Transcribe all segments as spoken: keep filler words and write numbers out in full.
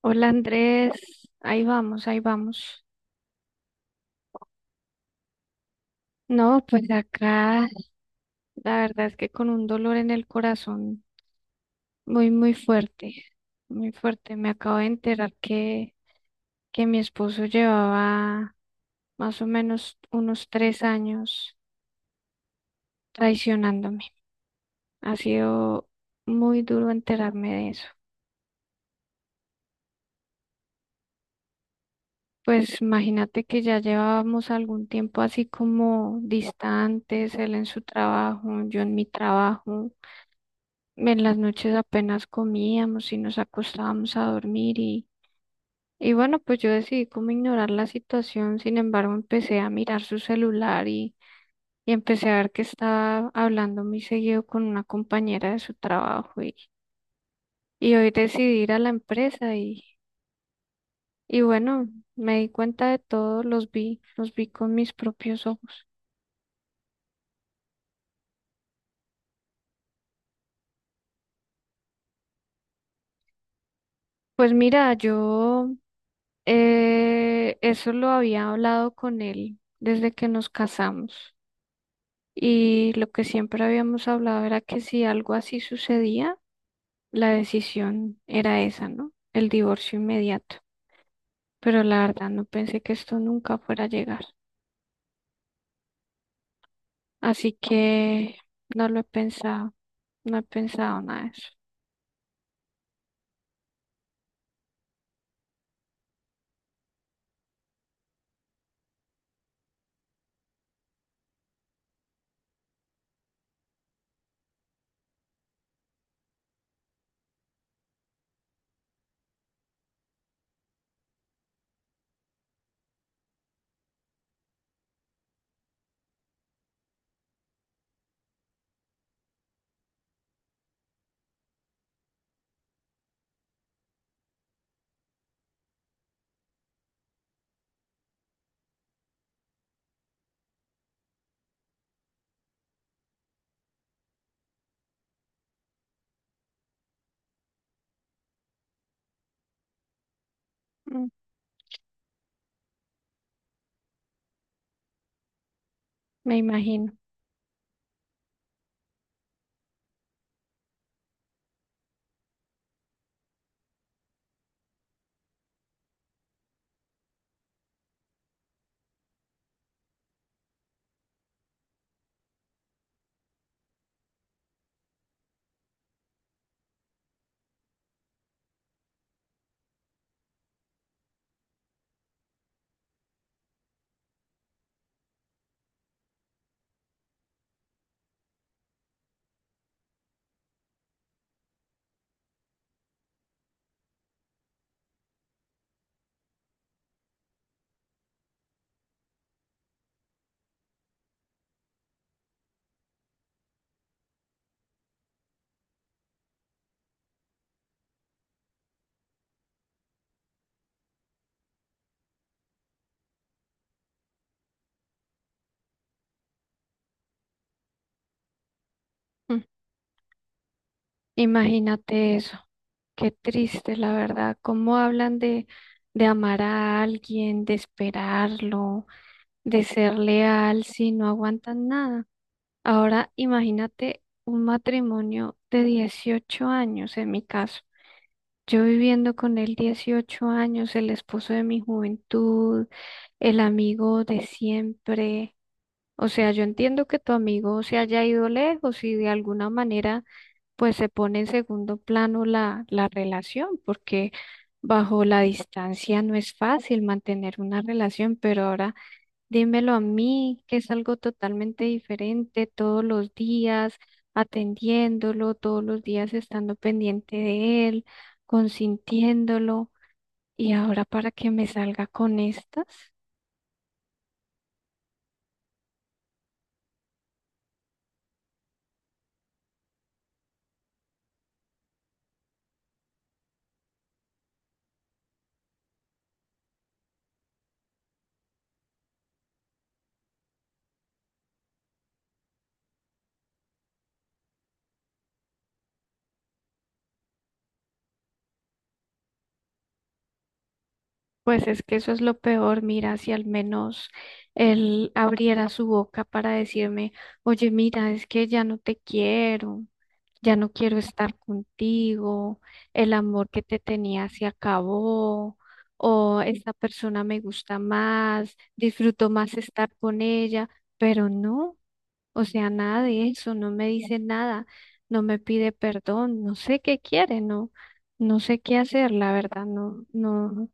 Hola Andrés, ahí vamos, ahí vamos. No, pues acá la verdad es que con un dolor en el corazón muy, muy fuerte, muy fuerte. Me acabo de enterar que, que mi esposo llevaba más o menos unos tres años traicionándome. Ha sido muy duro enterarme de eso. Pues imagínate que ya llevábamos algún tiempo así como distantes, él en su trabajo, yo en mi trabajo. En las noches apenas comíamos y nos acostábamos a dormir y, y bueno, pues yo decidí como ignorar la situación. Sin embargo, empecé a mirar su celular y, y empecé a ver que estaba hablando muy seguido con una compañera de su trabajo y, y hoy decidí ir a la empresa y, y bueno, me di cuenta de todo, los vi, los vi con mis propios ojos. Pues mira, yo eh, eso lo había hablado con él desde que nos casamos. Y lo que siempre habíamos hablado era que si algo así sucedía, la decisión era esa, ¿no? El divorcio inmediato. Pero la verdad no pensé que esto nunca fuera a llegar. Así que no lo he pensado, no he pensado nada de eso. Mm. Me imagino. Mm. Imagínate eso. Qué triste, la verdad. ¿Cómo hablan de, de amar a alguien, de esperarlo, de ser leal si no aguantan nada? Ahora imagínate un matrimonio de dieciocho años en mi caso. Yo viviendo con él dieciocho años, el esposo de mi juventud, el amigo de siempre. O sea, yo entiendo que tu amigo se haya ido lejos y de alguna manera pues se pone en segundo plano la, la relación, porque bajo la distancia no es fácil mantener una relación, pero ahora dímelo a mí, que es algo totalmente diferente todos los días, atendiéndolo, todos los días estando pendiente de él, consintiéndolo. Y ahora para que me salga con estas, pues es que eso es lo peor. Mira, si al menos él abriera su boca para decirme, oye, mira, es que ya no te quiero. Ya no quiero estar contigo, el amor que te tenía se acabó, o esta persona me gusta más, disfruto más estar con ella, pero no, o sea, nada de eso, no me dice nada, no me pide perdón, no sé qué quiere, no, no sé qué hacer, la verdad, no, no,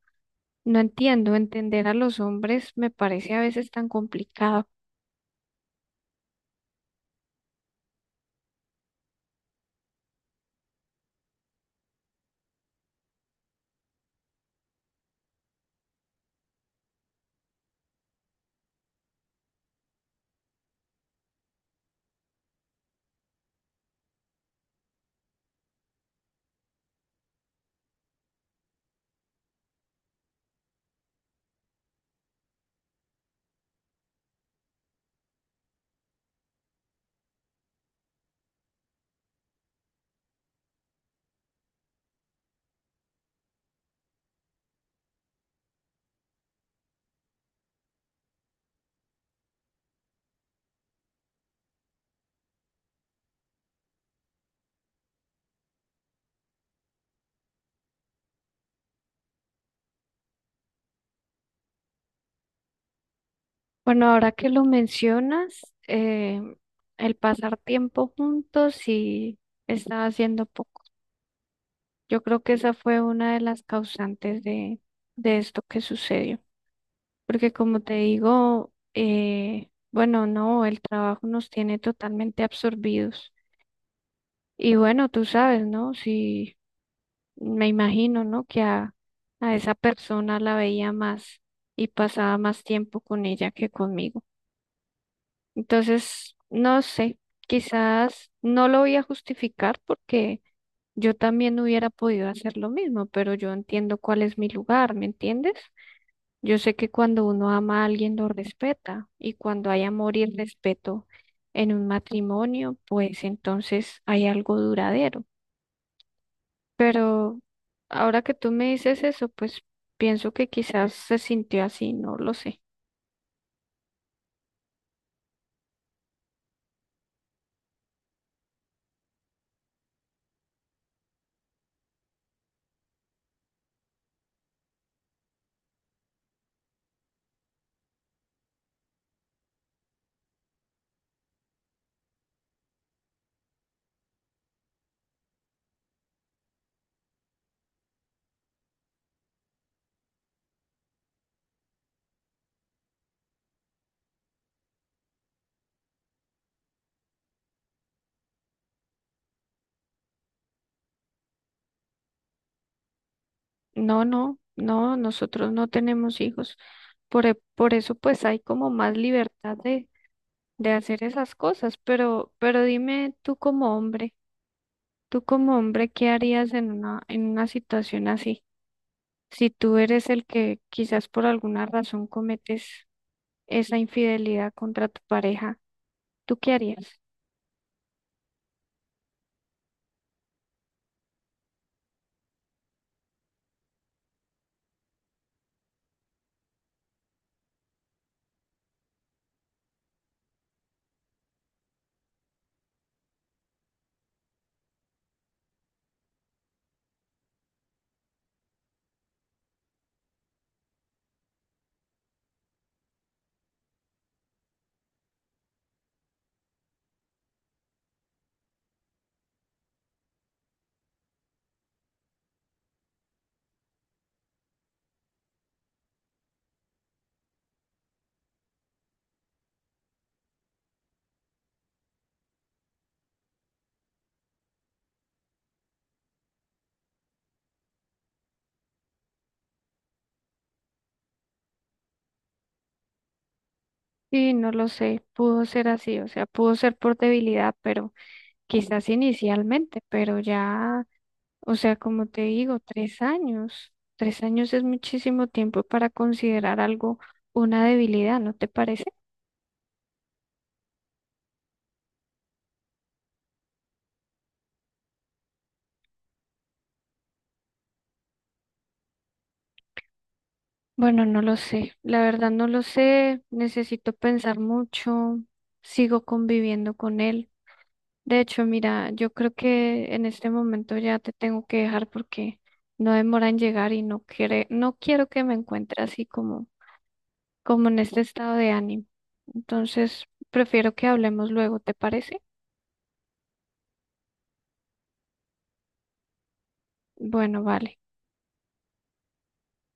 no entiendo. Entender a los hombres me parece a veces tan complicado. Bueno, ahora que lo mencionas, eh, el pasar tiempo juntos sí estaba haciendo poco. Yo creo que esa fue una de las causantes de, de esto que sucedió. Porque como te digo, eh, bueno, no, el trabajo nos tiene totalmente absorbidos. Y bueno, tú sabes, ¿no? Si me imagino, ¿no? Que a, a esa persona la veía más y pasaba más tiempo con ella que conmigo. Entonces, no sé, quizás no lo voy a justificar porque yo también hubiera podido hacer lo mismo, pero yo entiendo cuál es mi lugar, ¿me entiendes? Yo sé que cuando uno ama a alguien lo respeta, y cuando hay amor y respeto en un matrimonio, pues entonces hay algo duradero. Pero ahora que tú me dices eso, pues pienso que quizás se sintió así, no lo sé. No, no, no, nosotros no tenemos hijos. Por, e- por eso pues hay como más libertad de, de hacer esas cosas, pero, pero dime tú como hombre, tú como hombre, ¿qué harías en una, en una situación así? Si tú eres el que quizás por alguna razón cometes esa infidelidad contra tu pareja, ¿tú qué harías? Sí, no lo sé, pudo ser así, o sea, pudo ser por debilidad, pero quizás inicialmente, pero ya... O sea, como te digo, tres años. Tres años es muchísimo tiempo para considerar algo una debilidad, ¿no te parece? Bueno, no lo sé. La verdad no lo sé. Necesito pensar mucho. Sigo conviviendo con él. De hecho, mira, yo creo que en este momento ya te tengo que dejar porque no demora en llegar y no quiere, no quiero que me encuentre así como, como en este estado de ánimo. Entonces, prefiero que hablemos luego, ¿te parece? Bueno, vale.